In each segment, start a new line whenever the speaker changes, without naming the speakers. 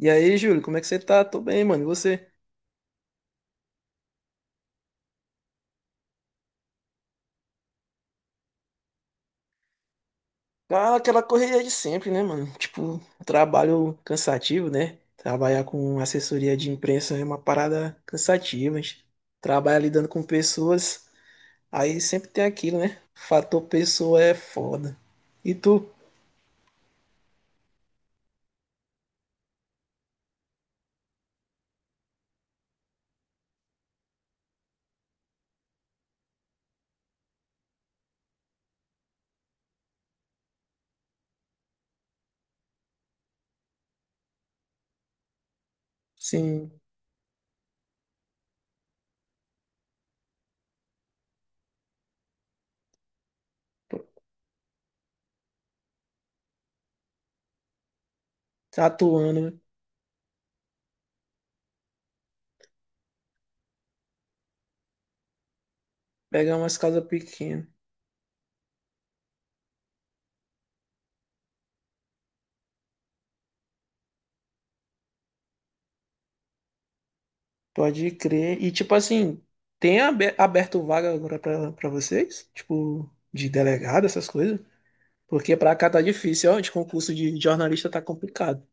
E aí, Júlio, como é que você tá? Tô bem, mano. E você? Cara, aquela correria de sempre, né, mano? Tipo, trabalho cansativo, né? Trabalhar com assessoria de imprensa é uma parada cansativa. A gente trabalha lidando com pessoas, aí sempre tem aquilo, né? Fator pessoa é foda. E tu, sim, tá atuando, pegar umas casas pequenas. Pode crer. E tipo assim, aberto vaga agora pra vocês? Tipo, de delegado, essas coisas? Porque pra cá tá difícil, ó, de concurso de jornalista tá complicado.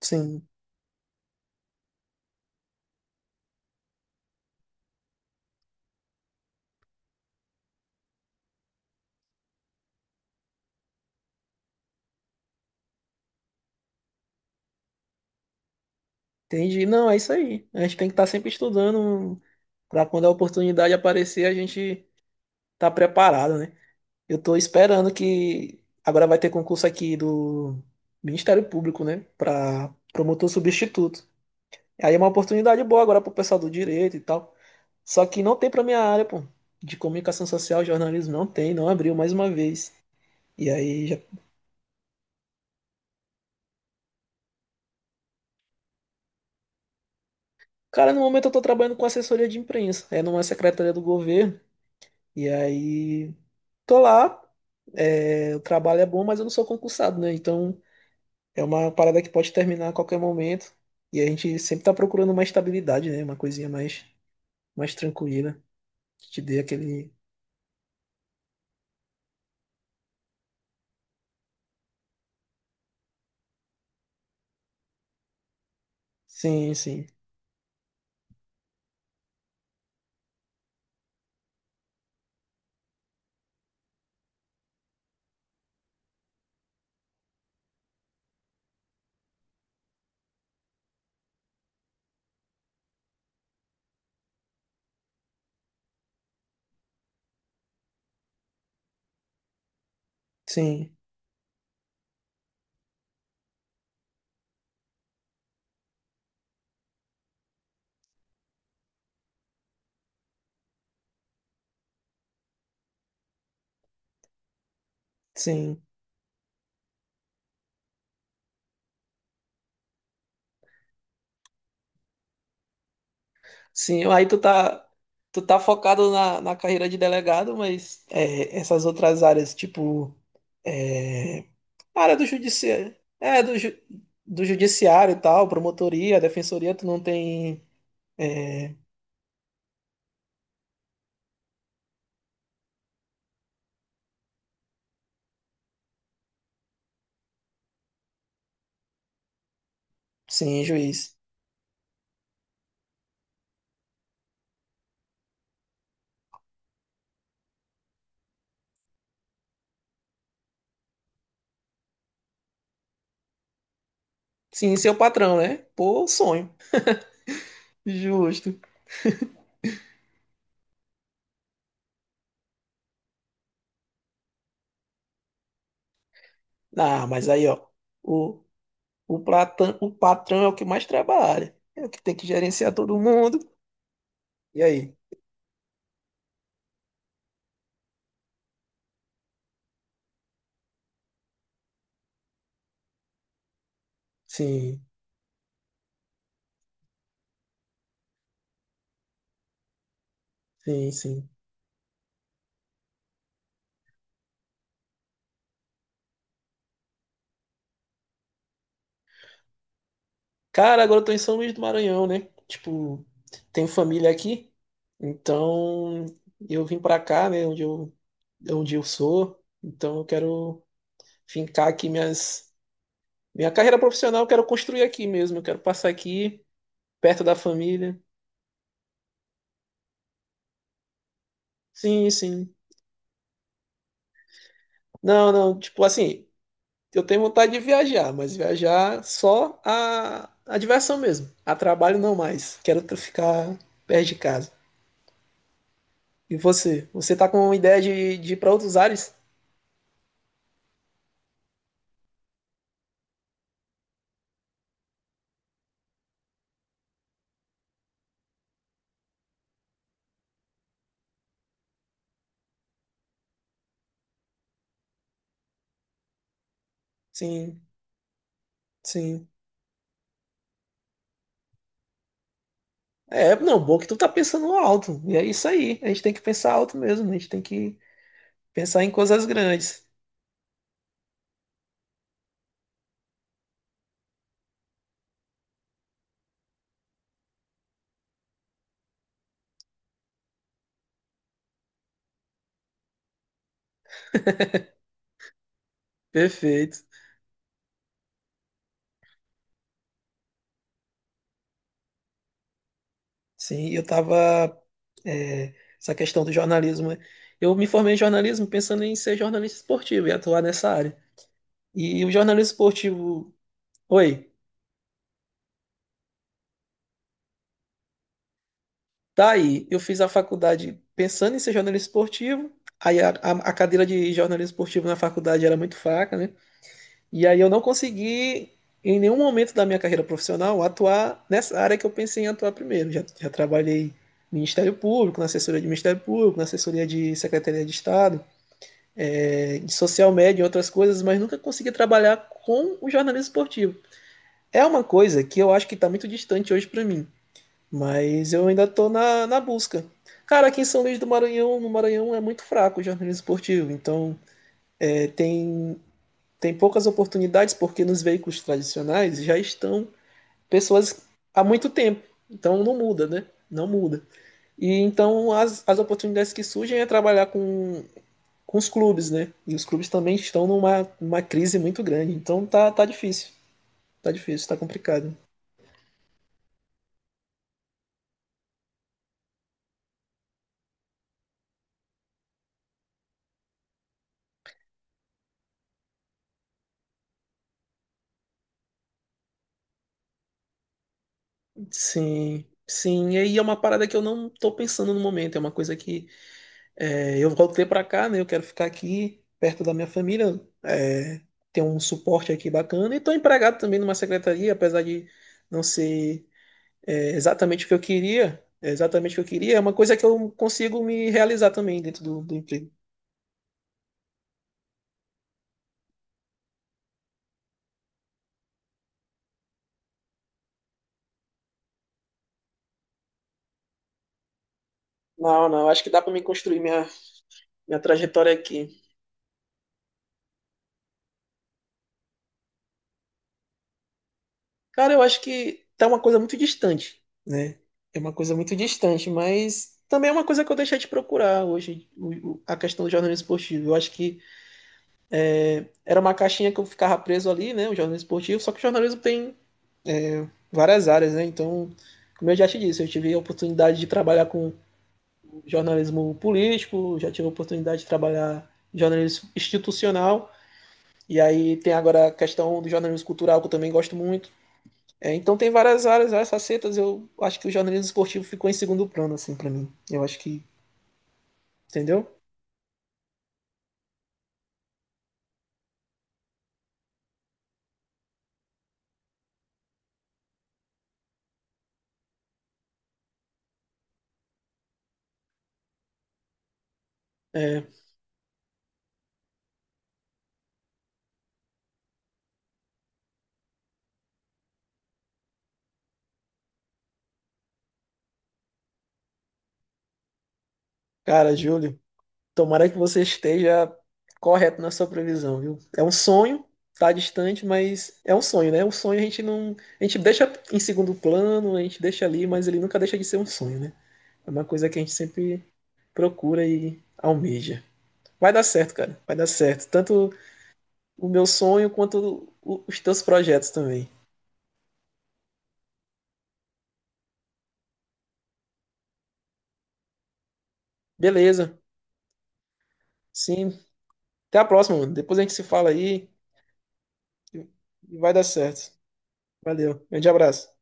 Sim, entendi. Não, é isso aí. A gente tem que estar sempre estudando para quando a oportunidade aparecer, a gente tá preparado, né? Eu tô esperando que agora vai ter concurso aqui do Ministério Público, né, para promotor substituto. Aí é uma oportunidade boa agora pro pessoal do direito e tal. Só que não tem pra minha área, pô. De comunicação social, jornalismo, não tem, não abriu mais uma vez. E aí já. Cara, no momento eu tô trabalhando com assessoria de imprensa, é numa secretaria do governo. E aí. Tô lá, é, o trabalho é bom, mas eu não sou concursado, né? Então é uma parada que pode terminar a qualquer momento. E a gente sempre tá procurando uma estabilidade, né? Uma coisinha mais, mais tranquila, que te dê aquele. Sim, sim, sim, sim. Sim, aí tu tá focado na carreira de delegado, mas é, essas outras áreas, tipo, é, a área do judiciário, é, do judiciário e tal, promotoria, defensoria, tu não tem, é, sim, juiz. Sim, seu patrão, né? Pô, sonho. Justo. Ah, mas aí, ó, o, o patrão é o que mais trabalha, é o que tem que gerenciar todo mundo. E aí? Sim, sim, sim. Cara, agora eu tô em São Luís do Maranhão, né? Tipo, tenho família aqui, então eu vim pra cá, né? Onde eu sou, então eu quero fincar aqui minhas, minha carreira profissional, eu quero construir aqui mesmo, eu quero passar aqui, perto da família. Sim, sim. Não, não, tipo assim, eu tenho vontade de viajar, mas viajar só a diversão mesmo, a trabalho não mais. Ficar perto de casa. E você? Você tá com ideia de ir pra outros ares? Sim, sim. É, não, bom que tu tá pensando alto. E é isso aí. A gente tem que pensar alto mesmo. A gente tem que pensar em coisas grandes. Perfeito. Sim, eu tava. É, essa questão do jornalismo. Né? Eu me formei em jornalismo pensando em ser jornalista esportivo e atuar nessa área. E o jornalismo esportivo. Oi, tá aí. Eu fiz a faculdade pensando em ser jornalista esportivo. Aí a cadeira de jornalismo esportivo na faculdade era muito fraca, né? E aí eu não consegui, em nenhum momento da minha carreira profissional, atuar nessa área que eu pensei em atuar primeiro. Já trabalhei no Ministério Público, na assessoria de Ministério Público, na assessoria de Secretaria de Estado, de social media e outras coisas, mas nunca consegui trabalhar com o jornalismo esportivo. É uma coisa que eu acho que está muito distante hoje para mim, mas eu ainda estou na busca. Cara, aqui em São Luís do Maranhão, no Maranhão é muito fraco o jornalismo esportivo, então tem tem poucas oportunidades porque nos veículos tradicionais já estão pessoas há muito tempo. Então não muda, né? Não muda. E então as oportunidades que surgem é trabalhar com os clubes, né? E os clubes também estão numa uma crise muito grande. Então tá, tá difícil. Tá difícil, tá complicado. Sim, sim. E aí é uma parada que eu não tô pensando no momento. É uma coisa que é, eu voltei para cá, né? Eu quero ficar aqui perto da minha família, é, ter um suporte aqui bacana. E estou empregado também numa secretaria, apesar de não ser, é, exatamente o que eu queria. É exatamente o que eu queria, é uma coisa que eu consigo me realizar também dentro do emprego. Não, não, acho que dá para mim construir minha, minha trajetória aqui. Cara, eu acho que tá uma coisa muito distante, né? É uma coisa muito distante, mas também é uma coisa que eu deixei de procurar hoje, a questão do jornalismo esportivo. Eu acho que era uma caixinha que eu ficava preso ali, né? O jornalismo esportivo, só que o jornalismo tem várias áreas, né? Então, como eu já te disse, eu tive a oportunidade de trabalhar com jornalismo político, já tive a oportunidade de trabalhar em jornalismo institucional, e aí tem agora a questão do jornalismo cultural, que eu também gosto muito. É, então tem várias áreas, várias facetas, eu acho que o jornalismo esportivo ficou em segundo plano, assim, para mim. Eu acho que, entendeu? É, cara, Júlio, tomara que você esteja correto na sua previsão, viu? É um sonho, tá distante, mas é um sonho, né? Um sonho a gente não, a gente deixa em segundo plano, a gente deixa ali, mas ele nunca deixa de ser um sonho, né? É uma coisa que a gente sempre procura e almeja. Vai dar certo, cara. Vai dar certo. Tanto o meu sonho quanto os teus projetos também. Beleza. Sim. Até a próxima, mano. Depois a gente se fala aí e e vai dar certo. Valeu. Grande abraço.